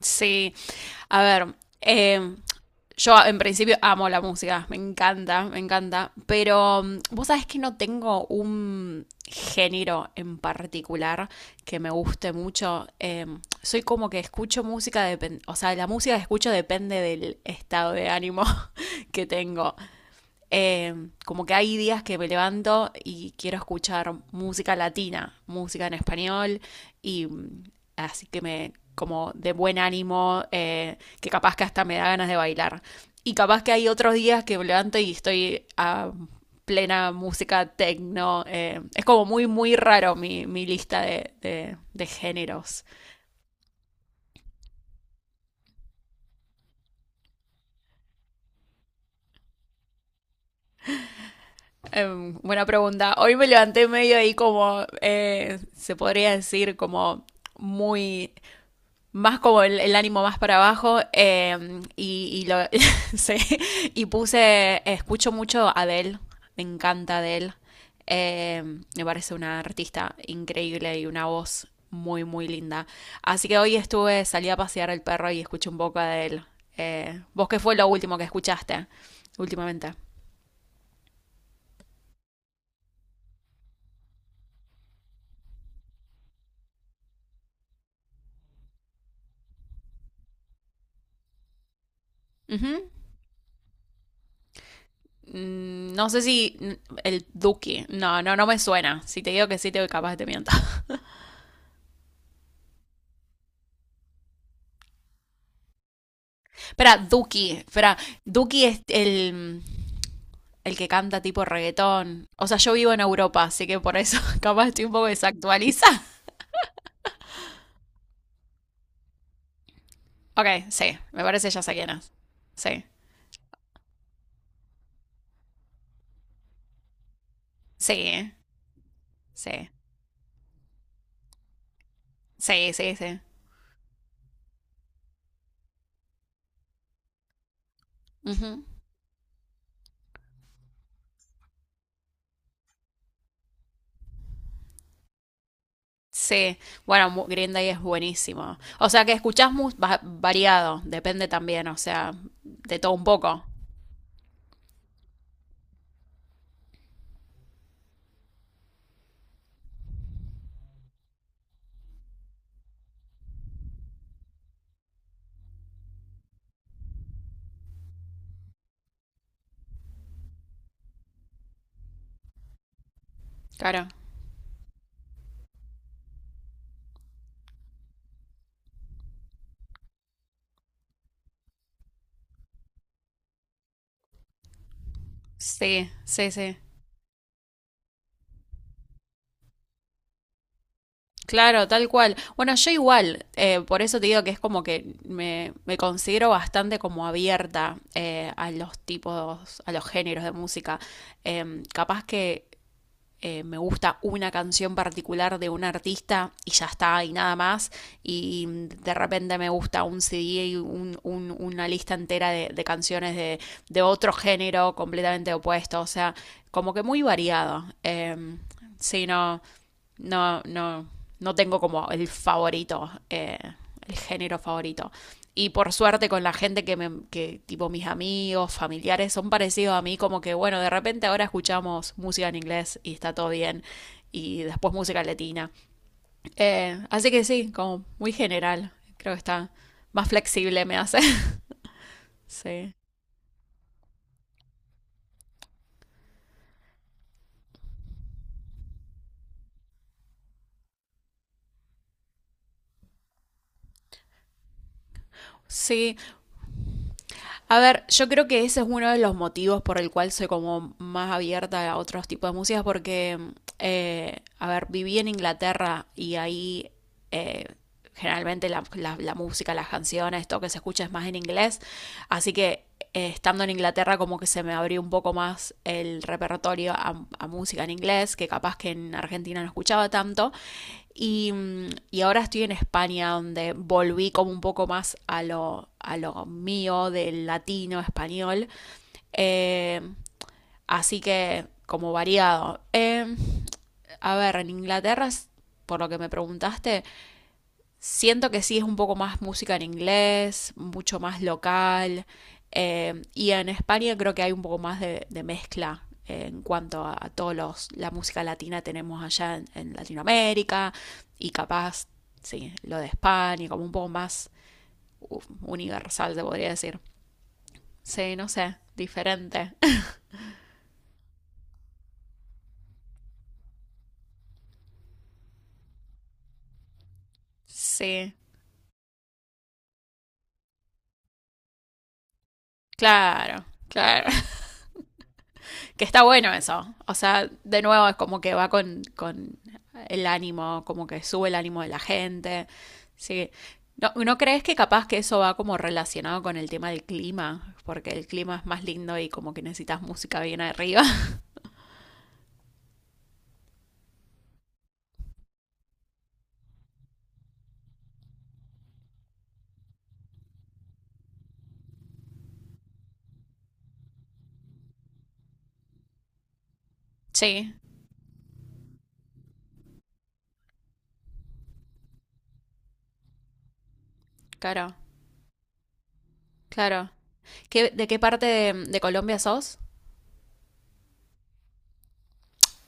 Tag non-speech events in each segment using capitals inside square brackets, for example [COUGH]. Sí, a ver, em, yo en principio amo la música, me encanta, pero vos sabés que no tengo un género en particular que me guste mucho. Soy como que escucho música, o sea, la música que escucho depende del estado de ánimo [LAUGHS] que tengo. Eh, como que hay días que me levanto y quiero escuchar música latina, música en español, y así que me, como de buen ánimo, que capaz que hasta me da ganas de bailar. Y capaz que hay otros días que me levanto y estoy a plena música techno. Es como muy, muy raro mi lista de géneros. Buena pregunta. Hoy me levanté medio ahí como, se podría decir, como muy más como el ánimo más para abajo y [LAUGHS] sí, y puse, escucho mucho a Adele, me encanta Adele, eh, me parece una artista increíble y una voz muy, muy linda. Así que hoy estuve, salí a pasear al perro y escuché un poco a Adele. ¿Vos qué fue lo último que escuchaste últimamente? Ujú. No sé si el Duki, no, no, no me suena. Si te digo que sí, te capaz que te miento. Espera, Duki. Espera, Duki es el que canta tipo reggaetón. O sea, yo vivo en Europa, así que por eso [LAUGHS] capaz estoy un poco desactualizada. Ok, sí, me parece ya sé quién es. Sí, sí, sí, sí, sí, sí. Ujú. Sí, bueno, Green Day es buenísimo. O sea que escuchás variado, depende también, o sea, de todo un poco. Claro. Sí, sí, sí. Claro, tal cual. Bueno, yo igual, por eso te digo que es como que me considero bastante como abierta a los tipos, a los géneros de música. Capaz que me gusta una canción particular de un artista y ya está y nada más y de repente me gusta un CD y una lista entera de canciones de otro género completamente opuesto, o sea, como que muy variado. Sí, no, no, no, no tengo como el favorito, el género favorito. Y por suerte con la gente que, tipo mis amigos, familiares, son parecidos a mí, como que, bueno, de repente ahora escuchamos música en inglés y está todo bien, y después música latina. Así que sí, como muy general, creo que está más flexible me hace. [LAUGHS] Sí. Sí, a ver, yo creo que ese es uno de los motivos por el cual soy como más abierta a otros tipos de músicas, porque, a ver, viví en Inglaterra y ahí eh, generalmente la música, las canciones, todo que se escucha es más en inglés. Así que estando en Inglaterra como que se me abrió un poco más el repertorio a música en inglés, que capaz que en Argentina no escuchaba tanto. Y, y ahora estoy en España, donde volví como un poco más a lo mío del latino, español. Eh, así que como variado. A ver, en Inglaterra, por lo que me preguntaste, siento que sí es un poco más música en inglés, mucho más local. Y en España creo que hay un poco más de mezcla en cuanto a todos los, la música latina tenemos allá en Latinoamérica y capaz, sí, lo de España, como un poco más uf, universal, se podría decir. Sí, no sé, diferente. [LAUGHS] Sí, claro, claro. Que está bueno eso. O sea, de nuevo es como que va con el ánimo, como que sube el ánimo de la gente. Sí. ¿No crees que capaz que eso va como relacionado con el tema del clima? Porque el clima es más lindo y como que necesitas música bien arriba. [LAUGHS] Sí, claro, claro. ¿De qué parte de Colombia sos?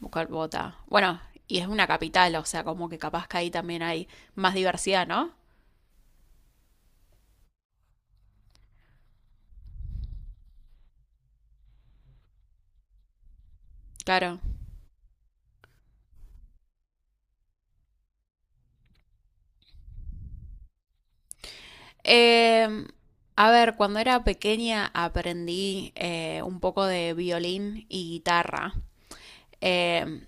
Bogotá. Bueno, y es una capital, o sea, como que capaz que ahí también hay más diversidad, ¿no? Claro. Eh, a ver, cuando era pequeña aprendí un poco de violín y guitarra. Eh,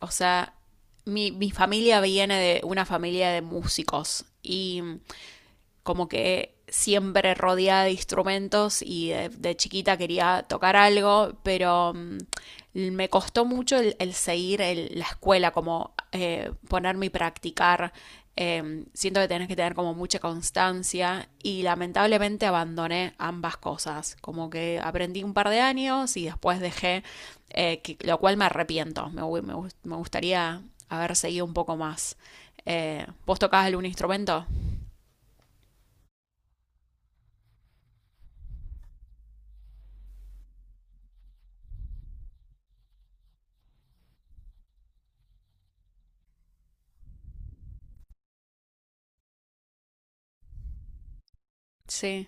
o sea, mi familia viene de una familia de músicos y como que siempre rodeada de instrumentos y de chiquita quería tocar algo, pero me costó mucho el seguir la escuela, como ponerme y practicar. Siento que tenés que tener como mucha constancia y lamentablemente abandoné ambas cosas, como que aprendí un par de años y después dejé, lo cual me arrepiento, me gustaría haber seguido un poco más. ¿Vos tocabas algún instrumento? Sí.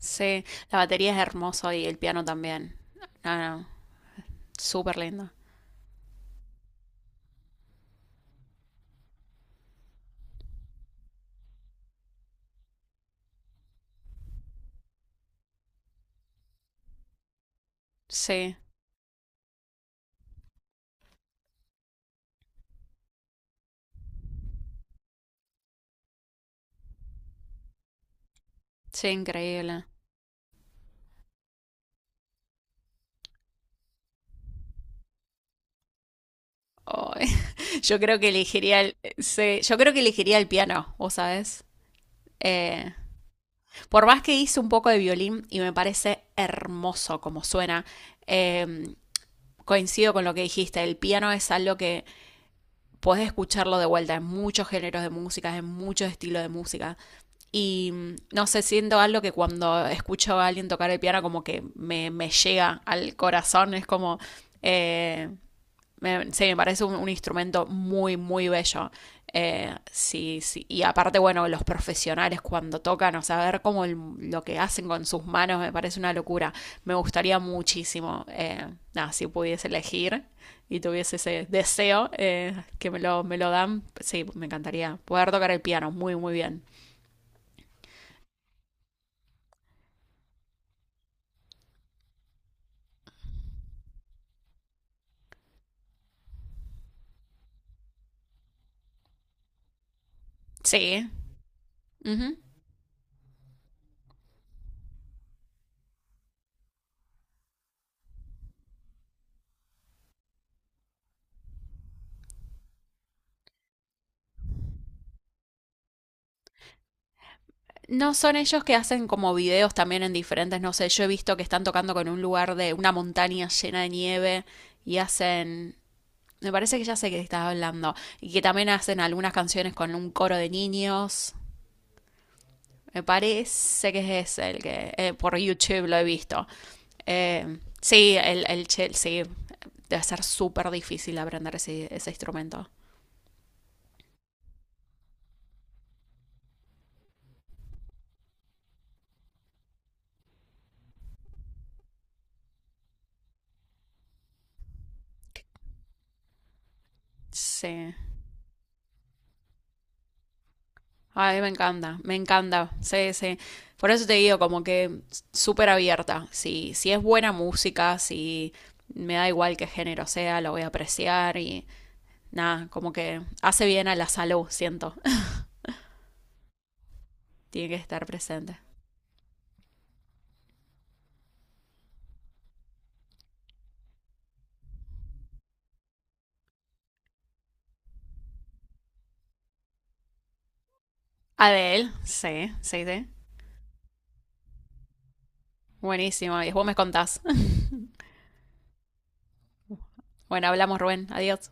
Sí, la batería es hermosa y el piano también. No, no, súper lindo. Sí, sí, increíble. Ay, [LAUGHS] yo creo que elegiría sí, yo creo que elegiría el piano, ¿vos sabés? Eh, por más que hice un poco de violín y me parece hermoso como suena, eh, coincido con lo que dijiste, el piano es algo que podés escucharlo de vuelta en muchos géneros de música, en muchos estilos de música. Y no sé, siento algo que cuando escucho a alguien tocar el piano como que me llega al corazón, es como... Eh, sí, me parece un instrumento muy, muy bello. Sí, sí. Y aparte, bueno, los profesionales cuando tocan, o sea, ver cómo lo que hacen con sus manos me parece una locura. Me gustaría muchísimo, nada, si pudiese elegir y tuviese ese deseo que me lo dan, sí, me encantaría poder tocar el piano muy, muy bien. Sí. Ujú. No son ellos que hacen como videos también en diferentes, no sé, yo he visto que están tocando con un lugar de una montaña llena de nieve y hacen, me parece que ya sé que estás hablando, y que también hacen algunas canciones con un coro de niños. Me parece que es ese el que por YouTube lo he visto. Sí, sí, debe ser súper difícil aprender ese instrumento. Sí. Ay, me encanta, me encanta. Sí, sí. Por eso te digo, como que súper abierta. Si, si es buena música, si me da igual qué género sea, lo voy a apreciar y nada, como que hace bien a la salud, siento. [LAUGHS] Tiene que estar presente. Adel, sí, sí, sí. Buenísimo. Y vos me contás. [LAUGHS] Bueno, hablamos, Rubén. Adiós.